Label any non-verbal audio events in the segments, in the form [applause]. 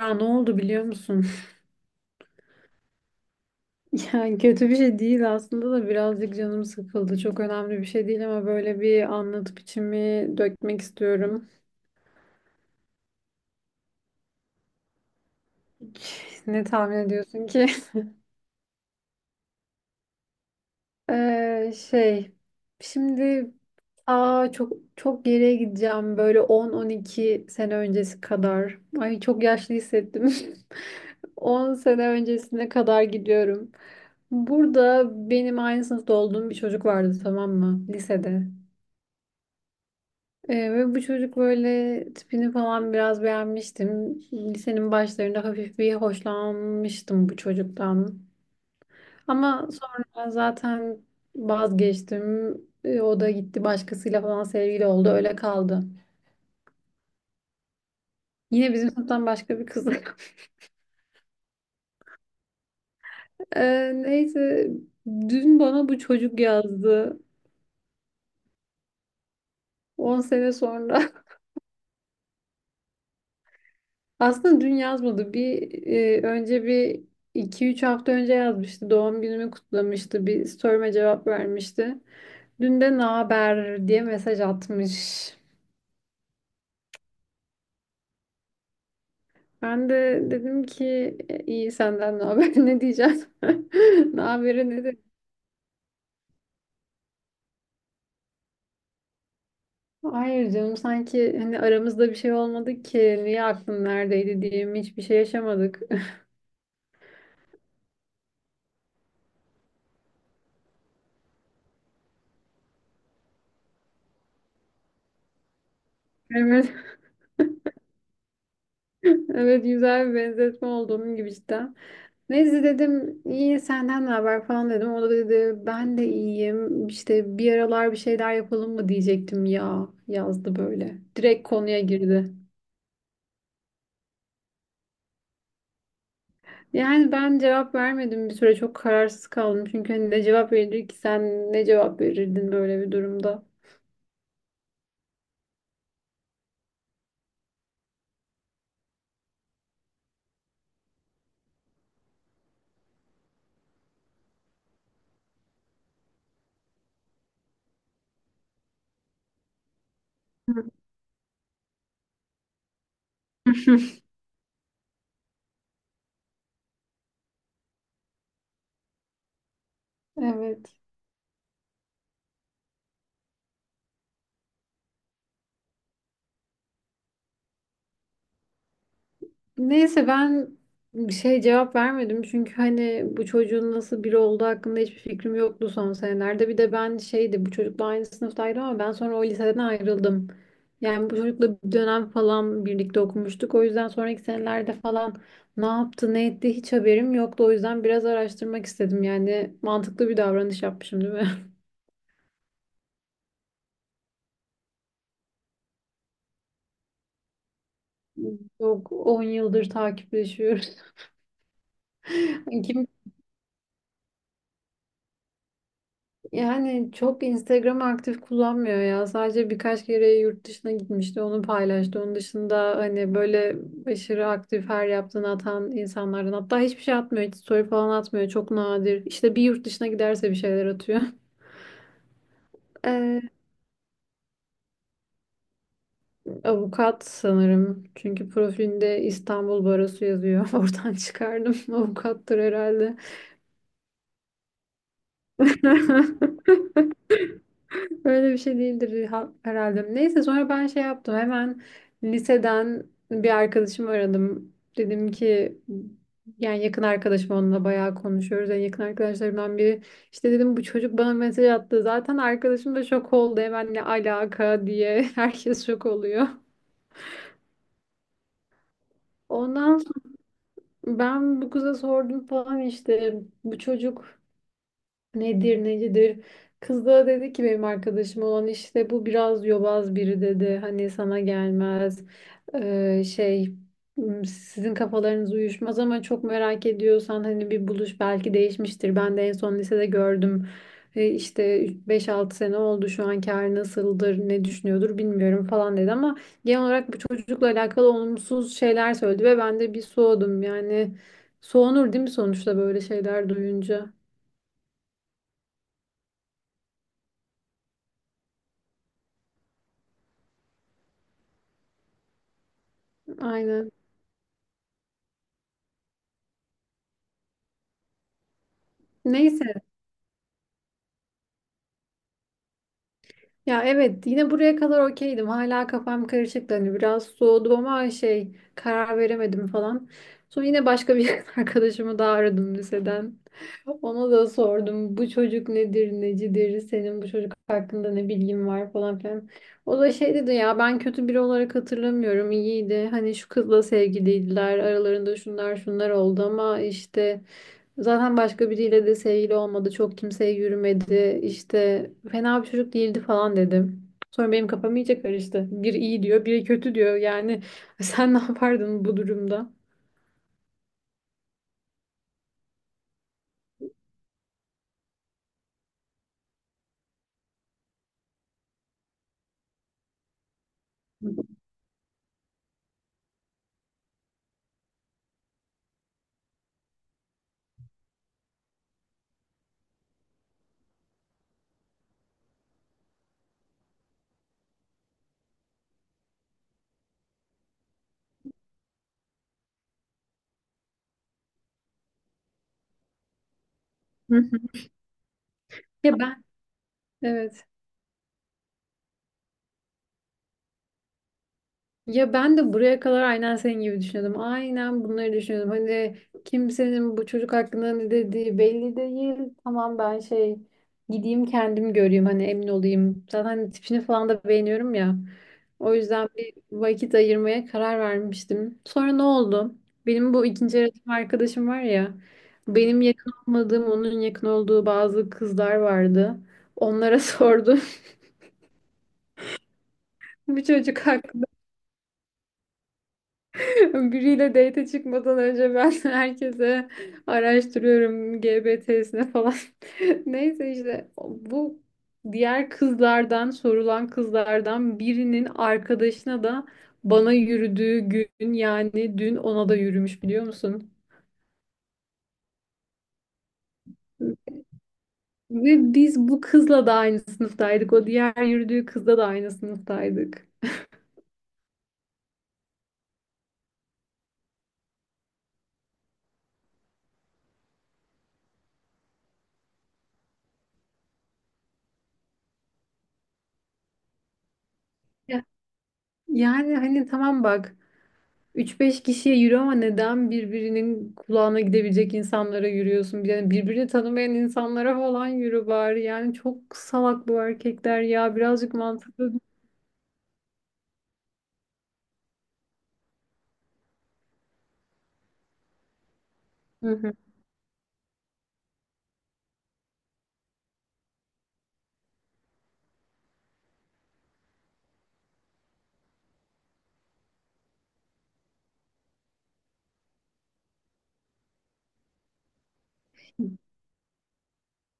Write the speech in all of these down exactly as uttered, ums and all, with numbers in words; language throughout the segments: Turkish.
Ya ne oldu biliyor musun? [laughs] Yani kötü bir şey değil aslında da birazcık canım sıkıldı. Çok önemli bir şey değil ama böyle bir anlatıp içimi dökmek istiyorum. [laughs] Ne tahmin ediyorsun ki? [laughs] Ee, şey, şimdi aa çok çok geriye gideceğim böyle on on iki sene öncesi kadar. Ay çok yaşlı hissettim. [laughs] on sene öncesine kadar gidiyorum. Burada benim aynı sınıfta olduğum bir çocuk vardı, tamam mı? Lisede. Ee, ve bu çocuk böyle tipini falan biraz beğenmiştim. Lisenin başlarında hafif bir hoşlanmıştım bu çocuktan. Ama sonra zaten vazgeçtim. Ee, o da gitti başkasıyla falan sevgili oldu. Öyle kaldı. Yine bizim sınıftan başka bir kız. [laughs] Ee, neyse dün bana bu çocuk yazdı. On sene sonra. [laughs] Aslında dün yazmadı. Bir e, önce bir iki üç hafta önce yazmıştı. Doğum günümü kutlamıştı. Bir story'me cevap vermişti. Dün de ne haber diye mesaj atmış. Ben de dedim ki, "E, iyi, senden ne haber," [laughs] ne diyeceğim. [laughs] Ne haberi ne de. Hayır canım, sanki hani aramızda bir şey olmadı ki niye aklın neredeydi diyeyim, hiçbir şey yaşamadık. [laughs] Evet, [laughs] evet güzel bir benzetme oldu, onun gibi cidden. Neyse dedim iyi senden ne haber falan dedim. O da dedi ben de iyiyim işte bir aralar bir şeyler yapalım mı diyecektim ya, yazdı böyle. Direkt konuya girdi. Yani ben cevap vermedim bir süre, çok kararsız kaldım. Çünkü hani ne cevap verir ki, sen ne cevap verirdin böyle bir durumda? [laughs] Evet. Neyse ben bir şey cevap vermedim çünkü hani bu çocuğun nasıl biri olduğu hakkında hiçbir fikrim yoktu son senelerde. Bir de ben şeydi, bu çocukla aynı sınıftaydım ama ben sonra o liseden ayrıldım. Yani bu çocukla bir dönem falan birlikte okumuştuk. O yüzden sonraki senelerde falan ne yaptı ne etti hiç haberim yoktu. O yüzden biraz araştırmak istedim, yani mantıklı bir davranış yapmışım değil mi? [laughs] Yok, on yıldır takipleşiyoruz. [laughs] Kim Yani çok Instagram aktif kullanmıyor ya. Sadece birkaç kere yurt dışına gitmişti, onu paylaştı. Onun dışında hani böyle aşırı aktif her yaptığını atan insanlardan. Hatta hiçbir şey atmıyor, hiç story falan atmıyor. Çok nadir. İşte bir yurt dışına giderse bir şeyler atıyor. [laughs] Ee, avukat sanırım. Çünkü profilinde İstanbul Barosu yazıyor. [laughs] Oradan çıkardım. [laughs] Avukattır herhalde. [laughs] Öyle bir şey değildir ha- herhalde. Neyse sonra ben şey yaptım. Hemen liseden bir arkadaşımı aradım. Dedim ki yani, yakın arkadaşım, onunla bayağı konuşuyoruz. En yakın arkadaşlarımdan biri. İşte dedim bu çocuk bana mesaj attı. Zaten arkadaşım da şok oldu. Hemen ne alaka diye [laughs] herkes şok oluyor. Ondan sonra ben bu kıza sordum falan, işte bu çocuk nedir necidir. Kız da dedi ki benim arkadaşım olan, işte bu biraz yobaz biri dedi. Hani sana gelmez. Ee, şey m, sizin kafalarınız uyuşmaz ama çok merak ediyorsan hani bir buluş, belki değişmiştir. Ben de en son lisede gördüm. Ee, işte beş altı sene oldu, şu anki hali nasıldır, ne düşünüyordur bilmiyorum falan dedi ama genel olarak bu çocukla alakalı olumsuz şeyler söyledi ve ben de bir soğudum. Yani soğunur değil mi sonuçta böyle şeyler duyunca? Aynen. Neyse. Ya evet, yine buraya kadar okeydim. Hala kafam karışıktı. Hani biraz soğudum ama şey, karar veremedim falan. Sonra yine başka bir [laughs] arkadaşımı daha aradım liseden. Ona da sordum bu çocuk nedir necidir, senin bu çocuk hakkında ne bilgin var falan filan. O da şey dedi, ya ben kötü biri olarak hatırlamıyorum, iyiydi. Hani şu kızla sevgiliydiler, aralarında şunlar şunlar oldu ama işte zaten başka biriyle de sevgili olmadı. Çok kimseye yürümedi. İşte fena bir çocuk değildi falan dedim. Sonra benim kafam iyice karıştı. Biri iyi diyor, biri kötü diyor. Yani [laughs] sen ne yapardın bu durumda? Hı hı. Ya ben. Evet. Ya ben de buraya kadar aynen senin gibi düşünüyordum. Aynen bunları düşünüyordum. Hani kimsenin bu çocuk hakkında ne dediği belli değil. Tamam ben şey, gideyim kendim göreyim hani, emin olayım. Zaten hani tipini falan da beğeniyorum ya. O yüzden bir vakit ayırmaya karar vermiştim. Sonra ne oldu? Benim bu ikinci öğretim arkadaşım var ya. Benim yakın olmadığım, onun yakın olduğu bazı kızlar vardı. Onlara [laughs] sordum. Bu çocuk hakkında. [laughs] Biriyle date çıkmadan önce ben [laughs] herkese araştırıyorum, G B T'sine falan. [laughs] Neyse işte bu diğer kızlardan, sorulan kızlardan birinin arkadaşına da, bana yürüdüğü gün yani dün, ona da yürümüş biliyor musun? Ve biz bu kızla da aynı sınıftaydık. O diğer yürüdüğü kızla da aynı sınıftaydık. Ya- Yani hani tamam bak. Üç beş kişiye yürü ama neden birbirinin kulağına gidebilecek insanlara yürüyorsun? Yani birbirini tanımayan insanlara falan yürü bari. Yani çok salak bu erkekler ya. Birazcık mantıklı. Hı hı.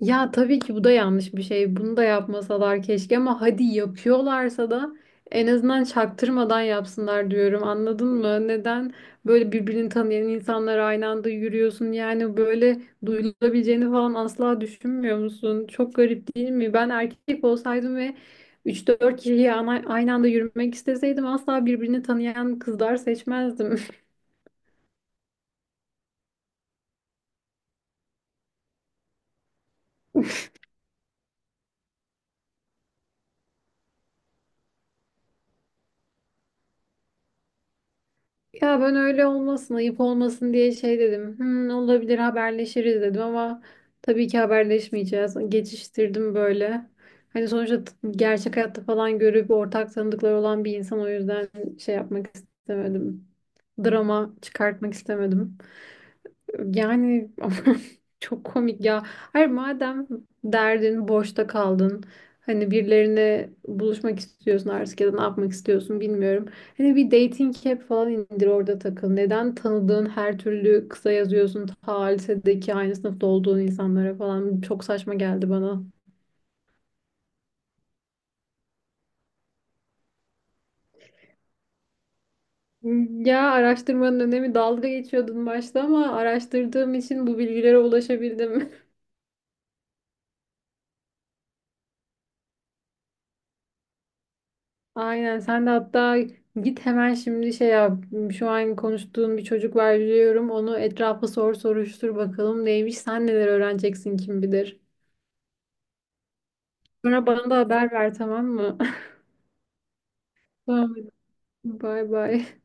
Ya tabii ki bu da yanlış bir şey. Bunu da yapmasalar keşke ama hadi yapıyorlarsa da en azından çaktırmadan yapsınlar diyorum. Anladın mı? Neden böyle birbirini tanıyan insanlar aynı anda yürüyorsun? Yani böyle duyulabileceğini falan asla düşünmüyor musun? Çok garip değil mi? Ben erkek olsaydım ve üç dört kişiyi ana- aynı anda yürümek isteseydim asla birbirini tanıyan kızlar seçmezdim. [laughs] Ya ben öyle olmasın, ayıp olmasın diye şey dedim. Hmm, olabilir, haberleşiriz dedim ama tabii ki haberleşmeyeceğiz. Geçiştirdim böyle. Hani sonuçta t- gerçek hayatta falan görüp ortak tanıdıkları olan bir insan, o yüzden şey yapmak istemedim. Drama çıkartmak istemedim. Yani [laughs] aman, çok komik ya. Hayır madem derdin, boşta kaldın. Hani birilerine buluşmak istiyorsun artık ya da ne yapmak istiyorsun bilmiyorum. Hani bir dating app falan indir, orada takıl. Neden tanıdığın her türlü kısa yazıyorsun, ta lisedeki aynı sınıfta olduğun insanlara falan? Çok saçma geldi bana. Ya, araştırmanın önemi, dalga geçiyordun başta ama araştırdığım için bu bilgilere ulaşabildim. [laughs] Aynen sen de, hatta git hemen şimdi şey yap, şu an konuştuğun bir çocuk var biliyorum, onu etrafa sor soruştur bakalım neymiş, sen neler öğreneceksin kim bilir. Sonra bana da haber ver tamam mı? [laughs] Tamam hadi. Bye bye.